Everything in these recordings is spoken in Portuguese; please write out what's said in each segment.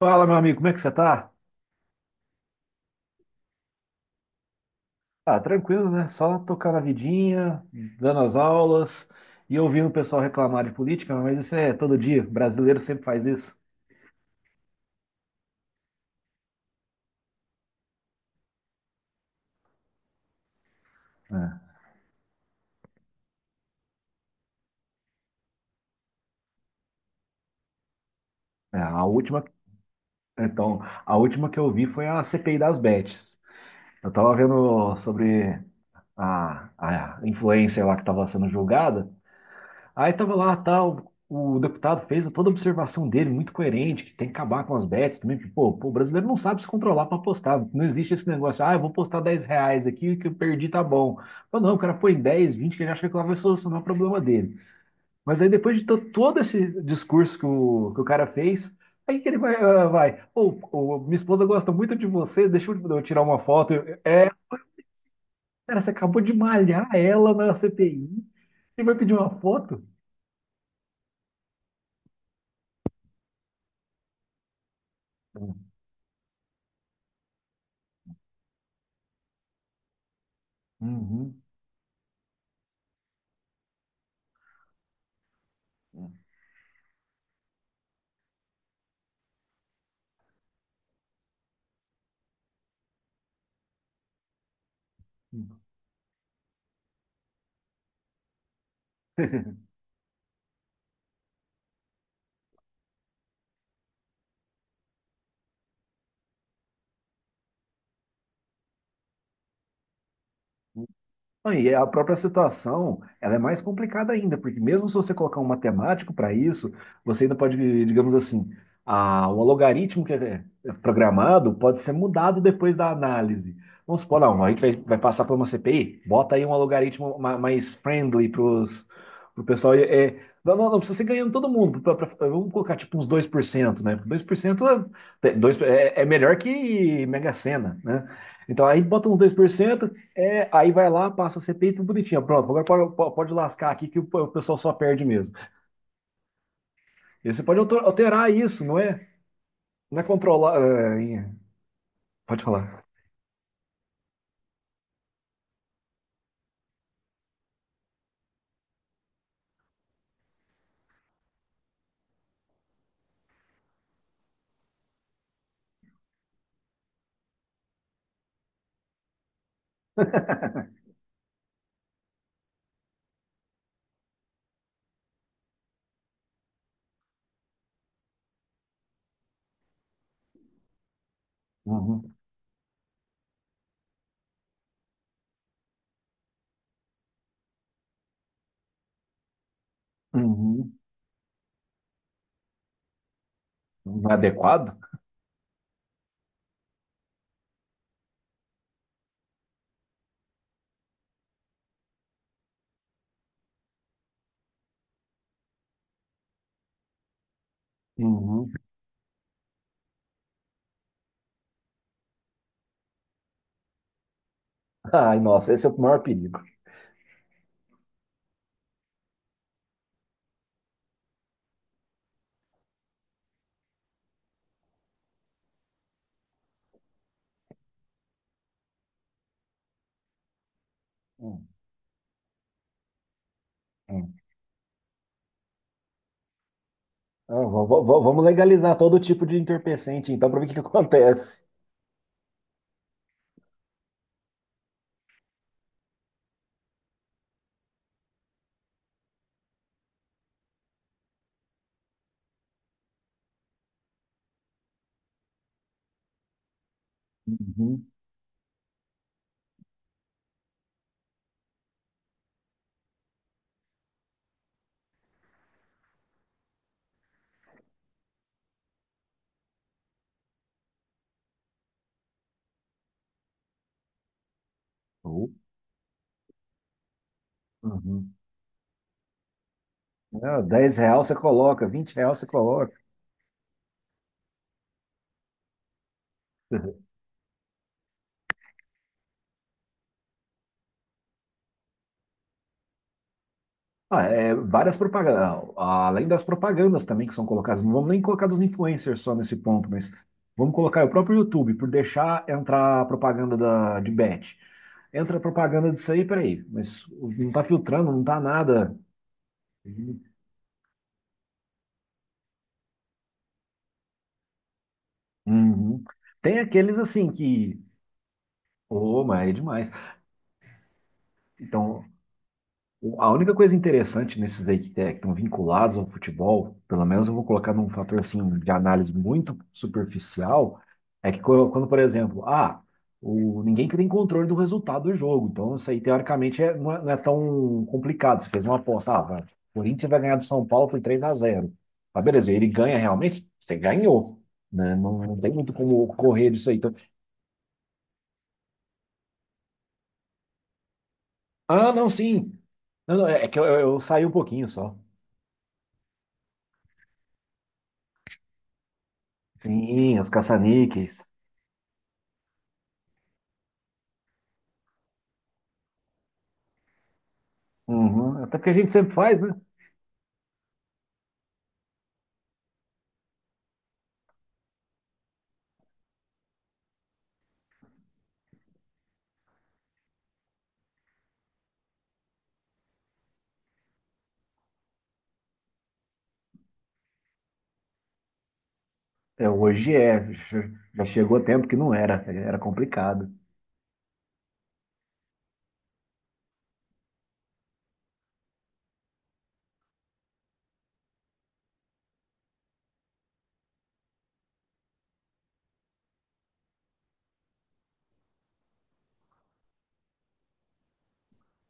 Fala, meu amigo, como é que você tá? Ah, tranquilo, né? Só tocar na vidinha, dando as aulas e ouvindo o pessoal reclamar de política, mas isso é todo dia. Brasileiro sempre faz isso. É, é. Então, a última que eu vi foi a CPI das Bets. Eu tava vendo sobre a, a influencer lá que estava sendo julgada. Aí tava lá, tal, o deputado fez toda a observação dele, muito coerente, que tem que acabar com as bets também, porque, o brasileiro não sabe se controlar para apostar. Não existe esse negócio, ah, eu vou postar R$ 10 aqui, que eu perdi, tá bom. Mas não, o cara põe 10, 20, que ele acha que lá vai solucionar o problema dele. Mas aí depois de todo esse discurso que o cara fez, aí que ele vai, ah, vai, pô, ô, minha esposa gosta muito de você, deixa eu tirar uma foto. É, cara, você acabou de malhar ela na CPI e vai pedir uma foto? Uhum. Uhum. Não. E a própria situação, ela é mais complicada ainda, porque mesmo se você colocar um matemático para isso, você ainda pode, digamos assim, o logaritmo que é programado pode ser mudado depois da análise. Vamos supor, não, a gente vai passar por uma CPI, bota aí um logaritmo mais friendly para o pessoal. É, é, não, não, não precisa ser ganhando todo mundo, vamos colocar tipo uns 2%, né? 2%, é melhor que Mega Sena, né? Então aí bota uns 2%. É, aí vai lá, passa a CPI, tudo bonitinho. Pronto, agora pode, pode lascar aqui que o pessoal só perde mesmo. E você pode alterar isso, não é? Não é controlar. É, é, pode falar. Uhum, uhum. Não é adequado? Uhum. Ai, nossa, esse é o maior perigo. Hum, hum. Ah, vamos legalizar todo tipo de entorpecente, então, para ver o que que acontece. Uhum. Uhum. Uhum. Ah, 10 real você coloca, 20 real você coloca. Ah, é, várias propagandas, além das propagandas também que são colocadas, não vamos nem colocar dos influencers só nesse ponto, mas vamos colocar o próprio YouTube, por deixar entrar a propaganda de bet. Entra a propaganda disso aí, peraí, mas não tá filtrando, não tá nada. Uhum. Tem aqueles assim que, ô, mas é demais. Então, a única coisa interessante nesses aí que que estão vinculados ao futebol, pelo menos eu vou colocar num fator assim de análise muito superficial, é que quando, por exemplo, ah, o, ninguém que tem controle do resultado do jogo, então isso aí teoricamente não, é, não é tão complicado. Você fez uma aposta, ah, vai, o Corinthians vai ganhar do São Paulo por 3-0. Ah, beleza, ele ganha realmente? Você ganhou, né? Não, não tem muito como correr disso aí. Então, ah, não, sim. Não, não, é é que eu saí um pouquinho só. Sim, os caça-níqueis. Uhum. Até porque a gente sempre faz, né? É, hoje é, já já chegou tempo que não era, era complicado.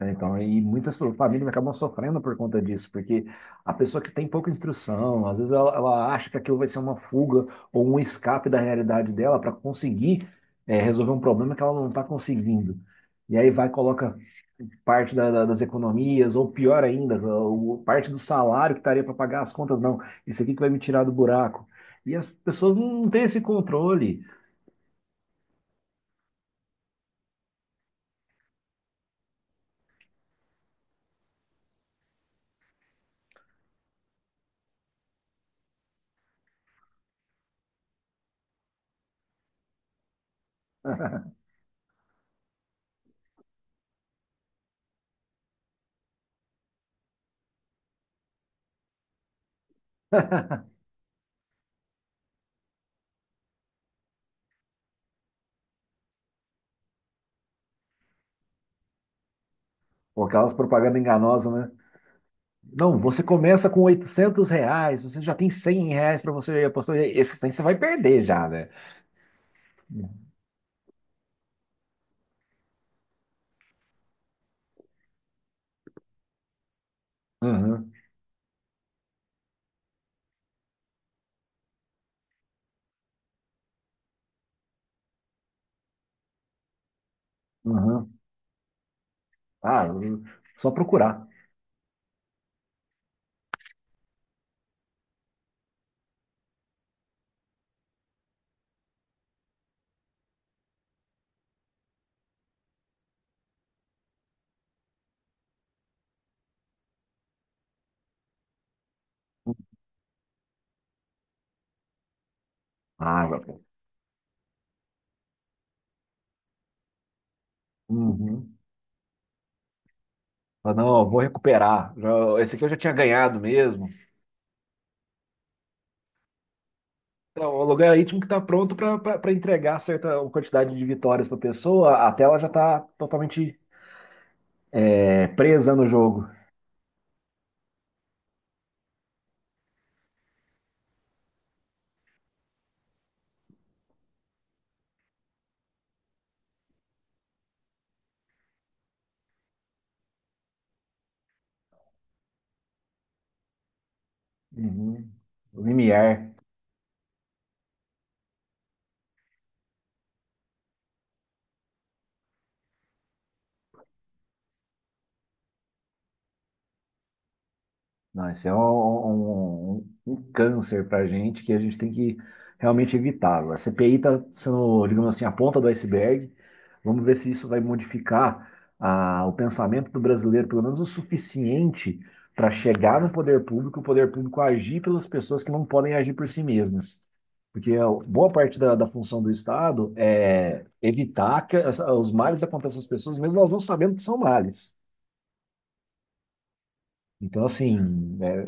Né? Então, e muitas famílias acabam sofrendo por conta disso, porque a pessoa que tem pouca instrução, às vezes ela acha que aquilo vai ser uma fuga ou um escape da realidade dela para conseguir, é, resolver um problema que ela não está conseguindo. E aí vai, coloca parte das economias, ou pior ainda, parte do salário que estaria para pagar as contas, não, isso aqui que vai me tirar do buraco. E as pessoas não têm esse controle. Pô, aquelas propagandas enganosas, né? Não, você começa com R$ 800, você já tem R$ 100 para você apostar. Esses 100 você vai perder já, né? Uhum, uhum. Ah, só procurar. Ah, vai- uhum. Ah, não, eu vou recuperar. Esse aqui eu já tinha ganhado mesmo. Então, o logaritmo que está pronto para entregar certa quantidade de vitórias para a pessoa, a tela já está totalmente, presa no jogo. Uhum. Limiar. Não, esse é um câncer para a gente que a gente tem que realmente evitar. Agora, a CPI está sendo, digamos assim, a ponta do iceberg. Vamos ver se isso vai modificar, o pensamento do brasileiro, pelo menos o suficiente para chegar no poder público, o poder público agir pelas pessoas que não podem agir por si mesmas. Porque a boa parte da função do Estado é evitar que os males aconteçam às pessoas, mesmo elas não sabendo que são males. Então, assim, é,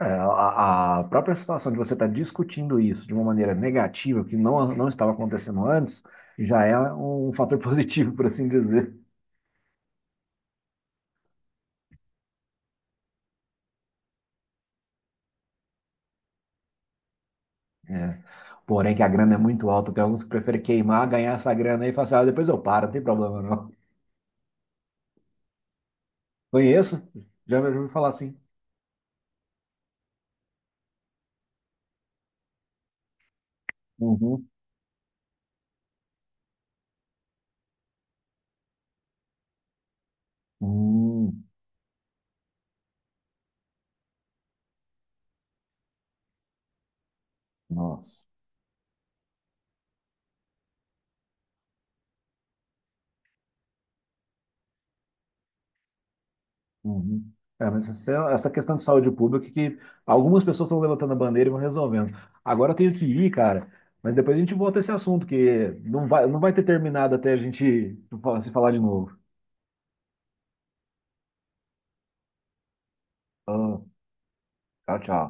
A própria situação de você estar discutindo isso de uma maneira negativa, que não estava acontecendo antes, já é um fator positivo, por assim dizer. É. Porém, que a grana é muito alta, tem alguns que preferem queimar, ganhar essa grana aí e falar assim, ah, depois eu paro, não tem problema não. Conheço, já já ouvi falar assim. Uhum. Hum, nossa. Uhum. É, mas essa questão de saúde pública que algumas pessoas estão levantando a bandeira e vão resolvendo. Agora eu tenho que ir, cara, mas depois a gente volta a esse assunto, que não vai ter terminado até a gente se falar de novo. Ah, tchau, tchau.